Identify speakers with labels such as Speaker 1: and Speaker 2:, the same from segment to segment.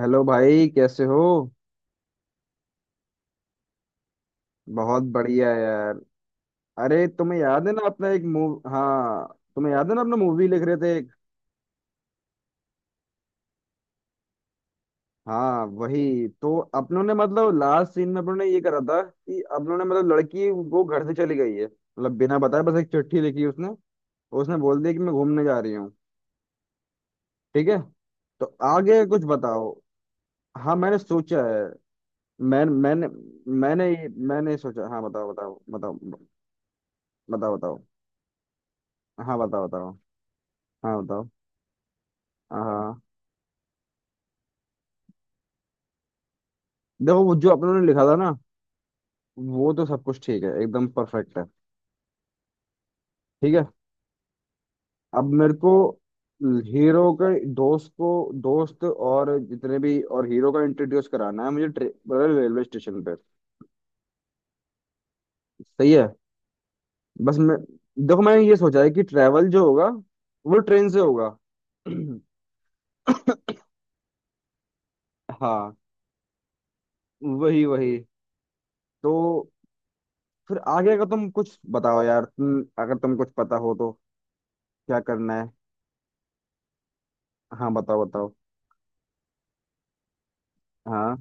Speaker 1: Hello भाई, कैसे हो। बहुत बढ़िया यार। अरे तुम्हें याद है ना अपना एक मूव। हाँ, तुम्हें याद है ना अपना मूवी लिख रहे थे। हाँ वही तो, अपनों ने मतलब लास्ट सीन में अपनों ने ये करा था कि अपनों ने मतलब लड़की वो घर से चली गई है, मतलब बिना बताए बस एक चिट्ठी लिखी उसने। और उसने बोल दिया कि मैं घूमने जा रही हूँ। ठीक है, तो आगे कुछ बताओ। हाँ मैंने सोचा है। मैंने। मैंने मैंने सोचा। हाँ बताओ बताओ बताओ। बताओ बताओ। हाँ बताओ बताओ। हाँ बताओ। हाँ हाँ। देखो वो जो आप लोगों ने लिखा था ना, वो तो सब कुछ ठीक है, एकदम परफेक्ट है। ठीक है। अब मेरे को हीरो के दोस्त को, दोस्त और जितने भी और हीरो का इंट्रोड्यूस कराना है मुझे रेलवे स्टेशन पे। सही है। बस मैं, देखो मैंने ये सोचा है कि ट्रैवल जो होगा वो ट्रेन से होगा। हाँ वही वही। तो फिर आगे का तुम कुछ बताओ यार, तुम अगर तुम कुछ पता हो तो क्या करना है। हाँ बताओ बताओ। हाँ।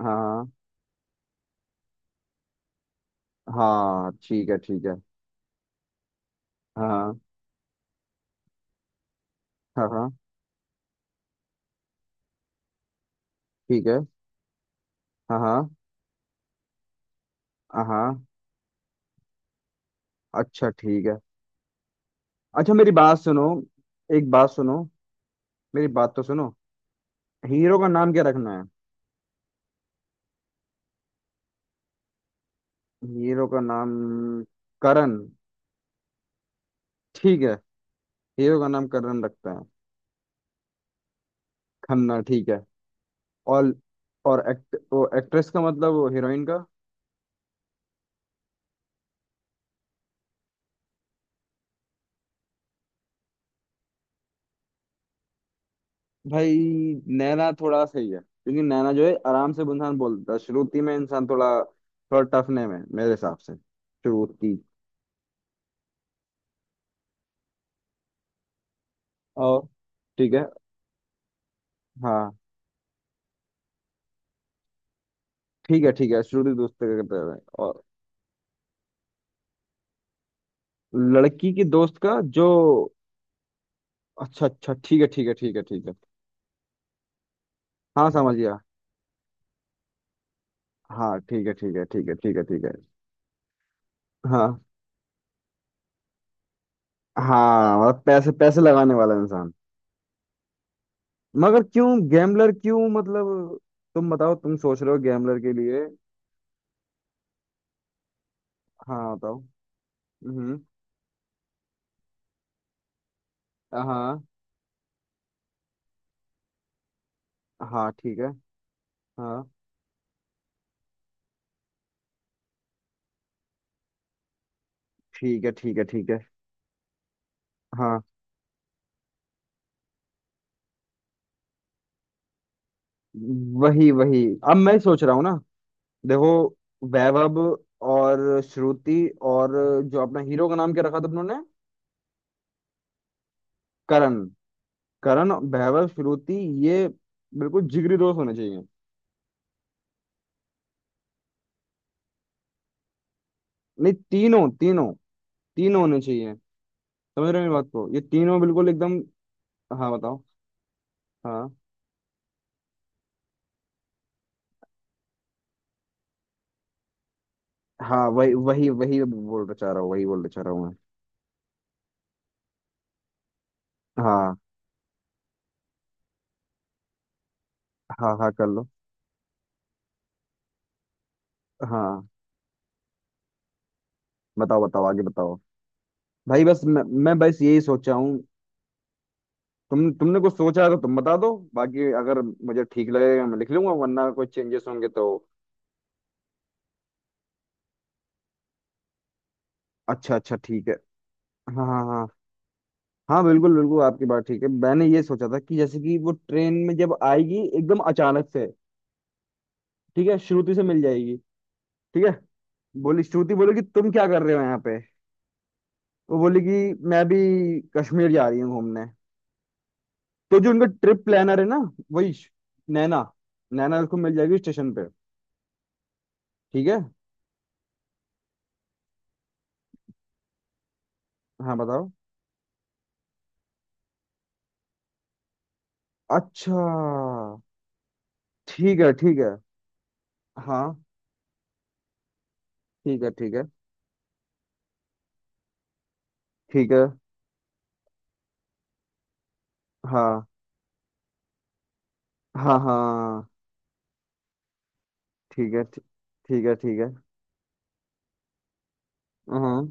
Speaker 1: हाँ हाँ। हाँ ठीक है ठीक है। हाँ हाँ हाँ। ठीक है। हाँ हाँ हाँ हाँ, अच्छा ठीक है। अच्छा मेरी बात सुनो, एक बात सुनो। मेरी बात तो सुनो। हीरो का नाम क्या रखना है। हीरो का नाम करण, ठीक है। हीरो का नाम करण रखते हैं। खन्ना, ठीक है। और और एक्ट वो एक्ट्रेस का मतलब वो हीरोइन का। भाई नैना थोड़ा सही है, क्योंकि नैना जो है आराम से इंसान बोलता है, श्रुति में इंसान थोड़ा थोड़ा टफ नेम है मेरे हिसाब से श्रुति। और ठीक है। हाँ ठीक है ठीक है, शुरू से दोस्त का करते हैं। और लड़की की दोस्त का जो, अच्छा अच्छा ठीक है ठीक है ठीक है ठीक है। हाँ समझ गया। हाँ ठीक है ठीक है ठीक है ठीक है ठीक है। हाँ हाँ, मतलब पैसे पैसे लगाने वाला इंसान। मगर क्यों गैम्बलर क्यों, मतलब तुम बताओ, तुम सोच रहे हो गैम्बलर के लिए। हाँ बताओ। हम्म। हाँ हाँ ठीक है। हाँ ठीक है ठीक है ठीक है। हाँ वही वही। अब मैं सोच रहा हूँ ना, देखो वैभव और श्रुति और जो अपना हीरो का नाम क्या रखा था उन्होंने, करण। करण वैभव श्रुति, ये बिल्कुल जिगरी दोस्त होने चाहिए। नहीं तीनों, तीनों। तीनों होने चाहिए। समझ रहे हो मेरी बात को, ये तीनों बिल्कुल एकदम। हाँ बताओ। हाँ। हाँ वही वही वही बोलना चाह रहा हूँ, वही बोलना चाह रहा हूँ मैं। हाँ हाँ, हाँ कर लो। हाँ बताओ बताओ, आगे बताओ। भाई बस मैं बस यही सोचा हूँ। तुमने कुछ सोचा है तो तुम बता दो, बाकी अगर मुझे ठीक लगेगा मैं लिख लूंगा, वरना कोई चेंजेस होंगे तो। अच्छा अच्छा ठीक है। हाँ हाँ हाँ। हाँ बिल्कुल बिल्कुल, आपकी बात ठीक है। मैंने ये सोचा था कि जैसे कि वो ट्रेन में जब आएगी एकदम अचानक से, ठीक है, श्रुति से मिल जाएगी। ठीक है। बोली, श्रुति बोली कि तुम क्या कर रहे हो यहाँ पे। वो बोली कि मैं भी कश्मीर जा रही हूँ घूमने। तो जो उनका ट्रिप प्लानर है ना, वही श- नैना, नैना उसको मिल जाएगी स्टेशन पे। ठीक है। हाँ बताओ। अच्छा ठीक है ठीक है। हाँ ठीक है ठीक है ठीक है। हाँ हाँ हाँ ठीक है। ठीक ठीक है ठीक है। हम्म।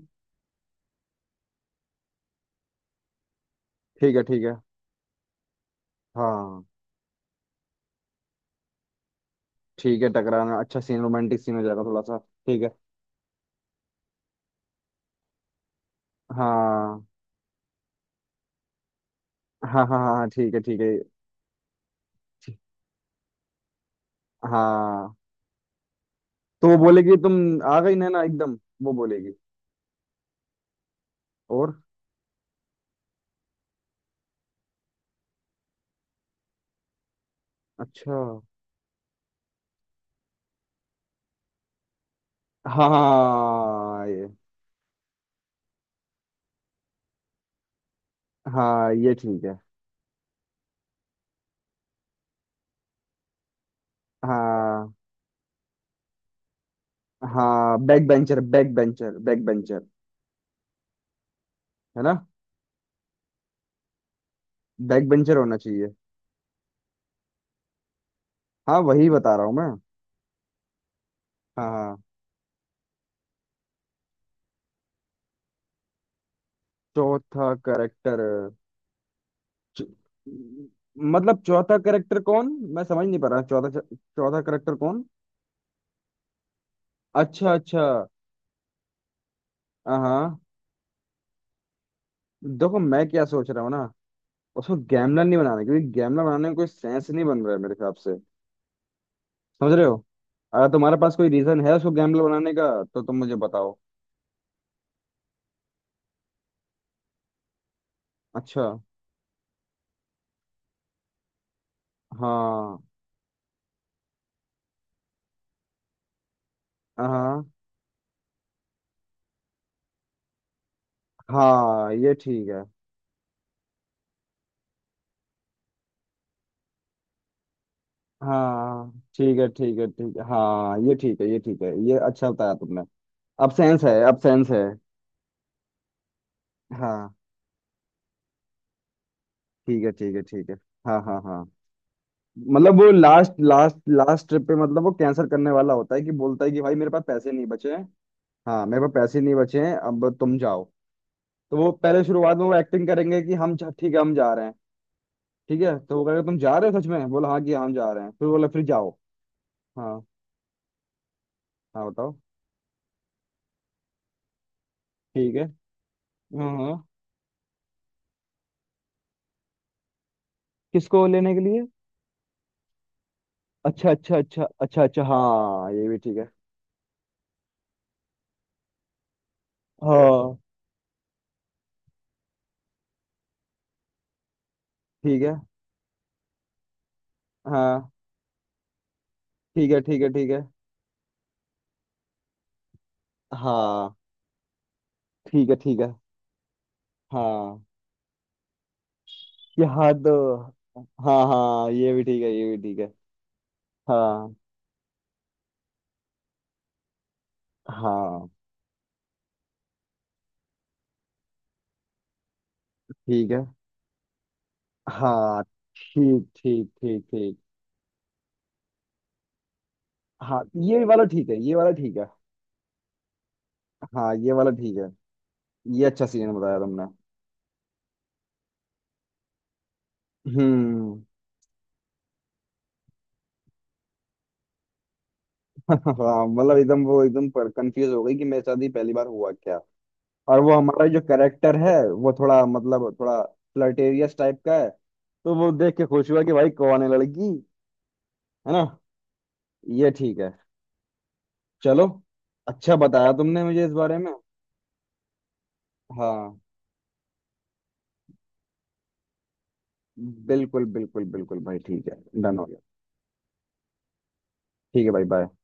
Speaker 1: ठीक है ठीक है। हाँ ठीक है। टकराना अच्छा सीन, रोमांटिक सीन हो जाएगा थोड़ा सा। ठीक है। हाँ। हाँ हाँ हाँ ठीक है ठीक है। ठीक- हाँ, तो वो बोलेगी, तुम आ गई नैना एकदम। वो बोलेगी। और अच्छा। हाँ हाँ ये, हाँ ये ठीक है। हाँ हाँ, back bencher back bencher back bencher. है ना, बैक बेंचर होना चाहिए। हाँ वही बता रहा हूँ मैं। हाँ हाँ। चौथा करेक्टर, मतलब चौथा करेक्टर कौन। मैं समझ नहीं पा रहा चौथा चौथा करेक्टर कौन। अच्छा अच्छा। हाँ हाँ, देखो मैं क्या सोच रहा हूँ ना, उसको गैमलर नहीं बनाना, क्योंकि गैमलर बनाने में कोई सेंस नहीं बन रहा है मेरे हिसाब से। समझ रहे हो। अगर तुम्हारे पास कोई रीजन है उसको गैमलर बनाने का तो तुम मुझे बताओ। अच्छा। हाँ हाँ हाँ ये ठीक है। हाँ ठीक है ठीक है ठीक है। हाँ ये ठीक है, ये ठीक है, ये अच्छा बताया तुमने। अब सेंस है, अब सेंस है। हाँ। ठीक है ठीक है ठीक है। हाँ हाँ हाँ, मतलब वो लास्ट लास्ट लास्ट ट्रिप पे मतलब वो कैंसिल करने वाला होता है कि बोलता है कि भाई मेरे पास पैसे नहीं बचे हैं। हाँ मेरे पास पैसे नहीं बचे हैं, अब तुम जाओ। तो वो पहले शुरुआत में वो एक्टिंग करेंगे कि हम जा, ठीक है हम जा रहे हैं। ठीक है, तो वो कहेगा तुम जा रहे हो सच में, बोला हाँ कि हम जा रहे हैं, फिर बोला फिर जाओ। हाँ। हाँ बताओ। ठीक है। हाँ हाँ। किसको लेने के लिए। अच्छा अच्छा अच्छा अच्छा अच्छा, हाँ ये भी ठीक है। हाँ। ठीक है। हाँ ठीक है ठीक है ठीक है। हाँ ठीक है ठीक है। हाँ ये हद। हाँ हाँ ये भी ठीक है, ये भी ठीक है। हाँ। हाँ ठीक है। हाँ ठीक ठीक ठीक ठीक। हाँ ये वाला ठीक है, ये वाला ठीक है। हाँ ये वाला ठीक है, ये अच्छा सीन बताया तुमने। हम्म। हाँ मतलब एकदम वो एकदम पर कंफ्यूज हो गई कि मेरे साथ ही पहली बार हुआ क्या। और वो हमारा जो करेक्टर है वो थोड़ा मतलब थोड़ा फ्लर्टेरियस टाइप का है। तो वो देख के खुश हुआ कि भाई कौन है लड़की। है ना। ये ठीक है। चलो। अच्छा बताया तुमने मुझे इस बारे में। हाँ बिल्कुल बिल्कुल बिल्कुल भाई, ठीक है। डन हो गया। ठीक है भाई, बाय।